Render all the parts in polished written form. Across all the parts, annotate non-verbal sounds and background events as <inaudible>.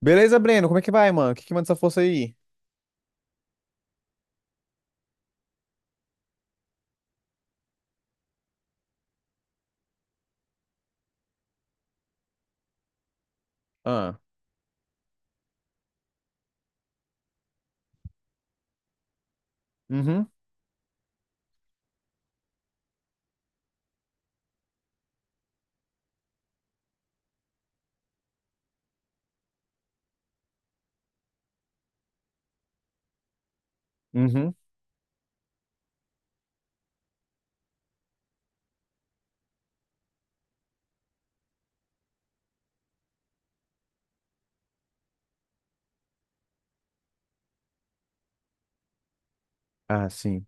Beleza, Breno? Como é que vai, mano? O que que manda essa força aí? Ah, uhum, uhum. Ah, sim.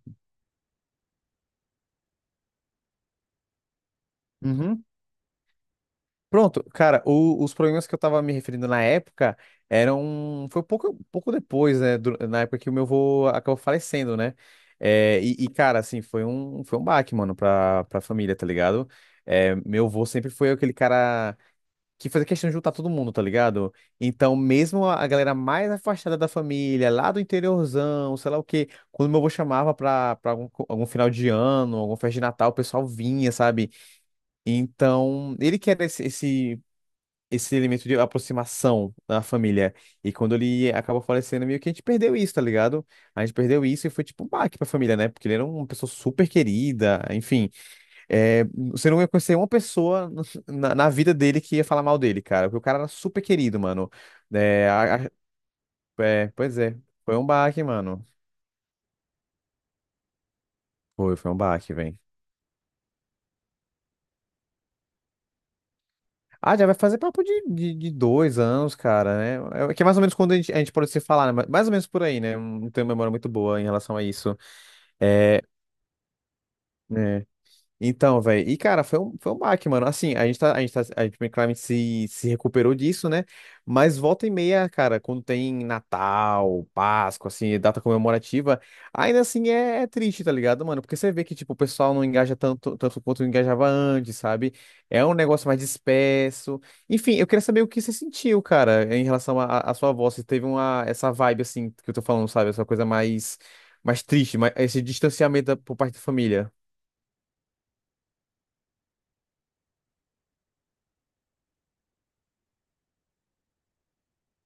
Uhum. Pronto, cara, os problemas que eu tava me referindo na época eram. Foi pouco depois, né? Na época que o meu avô acabou falecendo, né? É, cara, assim, foi um baque, mano, pra família, tá ligado? É, meu avô sempre foi aquele cara que fazia questão de juntar todo mundo, tá ligado? Então, mesmo a galera mais afastada da família, lá do interiorzão, sei lá o quê, quando meu avô chamava pra algum, algum final de ano, alguma festa de Natal, o pessoal vinha, sabe? Então, ele quer esse elemento de aproximação da família. E quando ele acabou falecendo, meio que a gente perdeu isso, tá ligado? A gente perdeu isso e foi tipo um baque pra família, né? Porque ele era uma pessoa super querida, enfim. É, você não ia conhecer uma pessoa <laughs> na vida dele que ia falar mal dele, cara. Porque o cara era super querido, mano. É, é, pois é, foi um baque, mano. Foi um baque, velho. Ah, já vai fazer papo de dois anos, cara, né? É, que é mais ou menos quando a gente pode se falar, né? Mais ou menos por aí, né? Não tenho memória muito boa em relação a isso. É, É. Então, velho, e cara, foi um baque, mano. Assim, a gente claramente se recuperou disso, né? Mas volta e meia, cara, quando tem Natal, Páscoa, assim, data comemorativa, ainda assim é triste, tá ligado, mano? Porque você vê que, tipo, o pessoal não engaja tanto quanto engajava antes, sabe? É um negócio mais disperso. Enfim, eu queria saber o que você sentiu, cara, em relação sua voz. Se teve uma, essa vibe, assim, que eu tô falando, sabe? Essa coisa mais triste, mais, esse distanciamento por parte da família.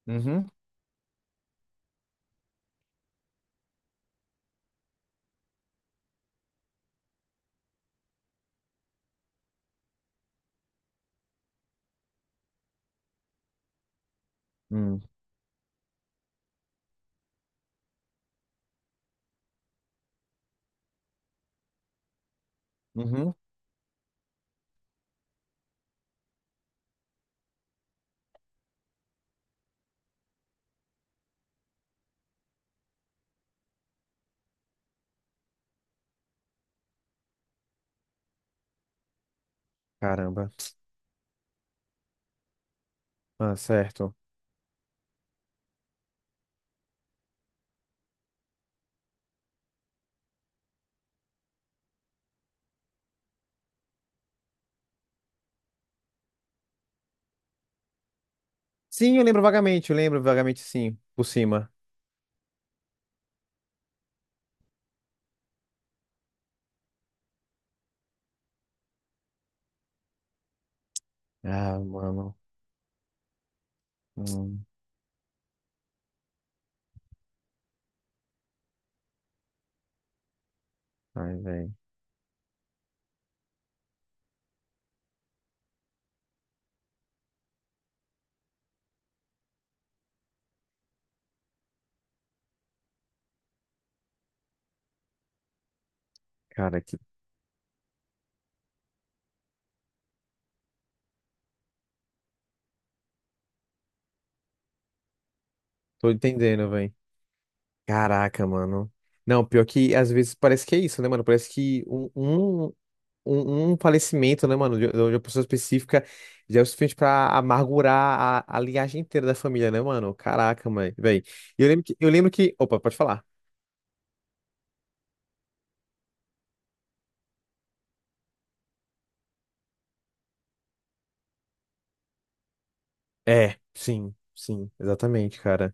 Uhum. Hum. Uhum. Caramba. Ah, certo. Sim, eu lembro vagamente, sim, por cima. Ah, mano. Hum. Ai, velho. Cara, que... tô entendendo, velho. Caraca, mano. Não, pior que às vezes parece que é isso, né, mano? Parece que um falecimento, né, mano, de uma pessoa específica já é o suficiente pra amargurar a linhagem inteira da família, né, mano? Caraca, mãe, velho. Eu lembro que. Opa, pode falar. É, sim, sim, exatamente, cara.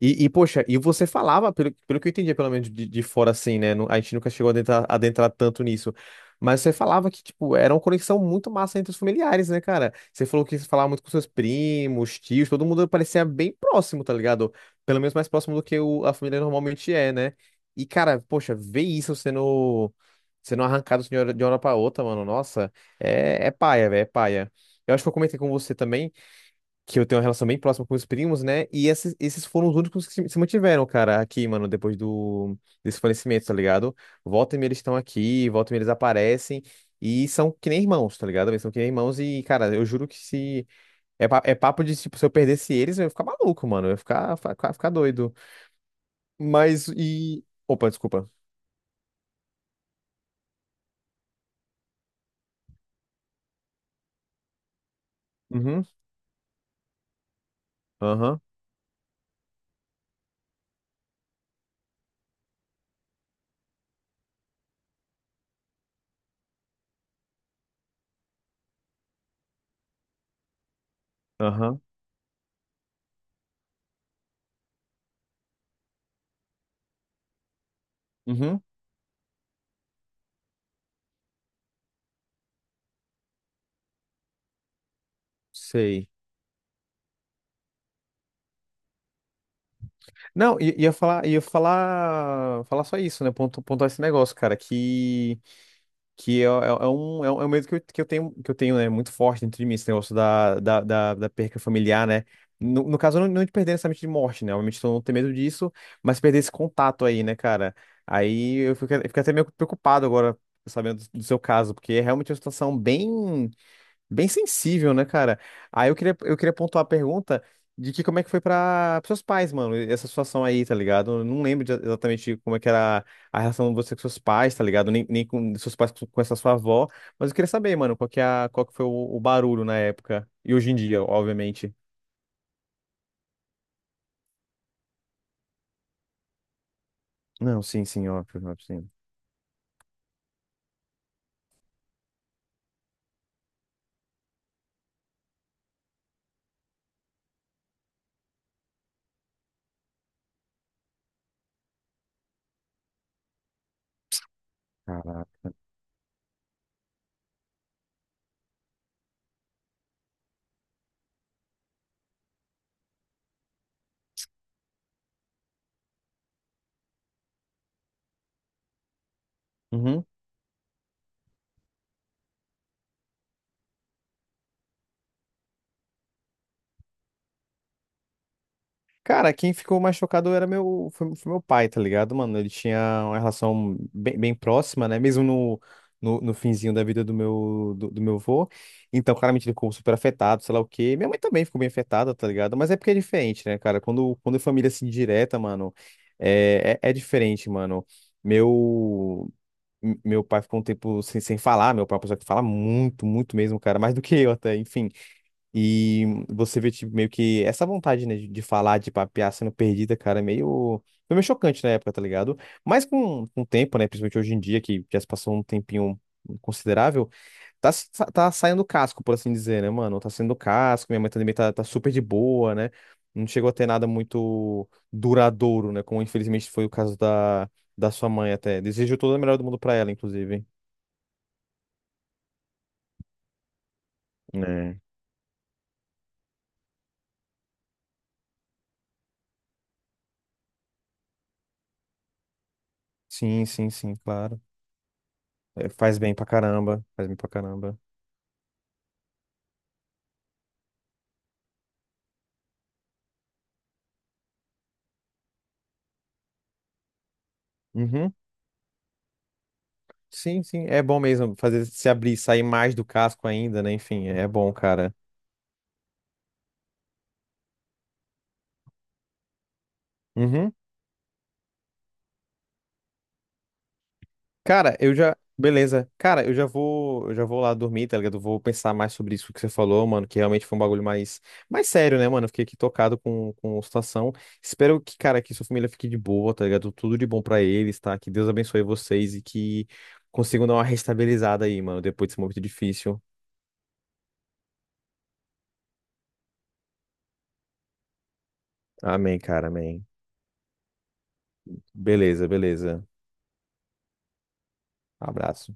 Poxa, e você falava, pelo que eu entendia, pelo menos de fora assim, né? A gente nunca chegou a adentrar tanto nisso. Mas você falava que, tipo, era uma conexão muito massa entre os familiares, né, cara? Você falou que você falava muito com seus primos, tios, todo mundo parecia bem próximo, tá ligado? Pelo menos mais próximo do que a família normalmente é, né? E, cara, poxa, ver isso sendo arrancado de uma hora pra outra, mano, nossa, é paia, velho, é paia. Eu acho que eu comentei com você também que eu tenho uma relação bem próxima com os primos, né? E esses foram os únicos que se mantiveram, cara, aqui, mano, depois do desse falecimento, tá ligado? Volta e meia eles estão aqui, volta e meia eles aparecem e são que nem irmãos, tá ligado? Eles são que nem irmãos e, cara, eu juro que se é, é papo de tipo, se eu perdesse eles, eu ia ficar maluco, mano, eu ia ficar doido. Mas e opa, desculpa. Uhum. Aham. Aham. Uhum. Sei. Não, falar só isso, né? Pontuar esse negócio, cara, que é um, é um medo que eu tenho, né, muito forte dentro de mim, esse negócio da perca familiar, né? No caso, não de perder necessariamente de morte, né? Obviamente, eu não tenho medo disso, mas perder esse contato aí, né, cara? Aí eu fico até meio preocupado agora, sabendo do seu caso, porque é realmente uma situação bem. Bem sensível, né, cara? Aí eu queria pontuar a pergunta de que como é que foi para seus pais, mano, essa situação aí, tá ligado? Eu não lembro exatamente como é que era a relação de você com seus pais, tá ligado? Nem com seus pais com essa sua avó, mas eu queria saber, mano, qual que, é a, qual que foi o barulho na época e hoje em dia, obviamente. Não, sim, sim, óbvio, óbvio, sim. Caraca. Cara, quem ficou mais chocado era foi meu pai, tá ligado, mano? Ele tinha uma relação bem próxima, né? Mesmo no finzinho da vida do meu avô. Então, claramente, ele ficou super afetado, sei lá o quê. Minha mãe também ficou bem afetada, tá ligado? Mas é porque é diferente, né, cara? Quando é família assim direta, mano, é diferente, mano. Meu, meu pai ficou um tempo sem falar, meu pai é uma pessoa que fala muito, muito mesmo, cara, mais do que eu até, enfim. E você vê, tipo, meio que essa vontade, né, de falar, de papear sendo perdida, cara, é meio. Foi meio chocante na época, tá ligado? Mas com o tempo, né, principalmente hoje em dia, que já se passou um tempinho considerável, tá, se- tá saindo casco, por assim dizer, né, mano? Tá saindo casco, minha mãe também tá super de boa, né? Não chegou a ter nada muito duradouro, né, como infelizmente foi o caso da sua mãe até. Desejo toda a melhor do mundo pra ela, inclusive. É. Sim, sim, sim, claro. É, faz bem pra caramba, faz bem pra caramba. Uhum. Sim, sim, é bom mesmo fazer se abrir, sair mais do casco ainda, né? Enfim, é bom, cara. Uhum. Cara, eu já. Beleza. Cara, eu já vou lá dormir, tá ligado? Vou pensar mais sobre isso que você falou, mano, que realmente foi um bagulho mais, mais sério, né, mano? Eu fiquei aqui tocado com a situação. Espero que, cara, que sua família fique de boa, tá ligado? Tudo de bom pra eles, tá? Que Deus abençoe vocês e que consigam dar uma restabilizada aí, mano, depois desse momento difícil. Amém, cara, amém. Beleza, beleza. Abraço.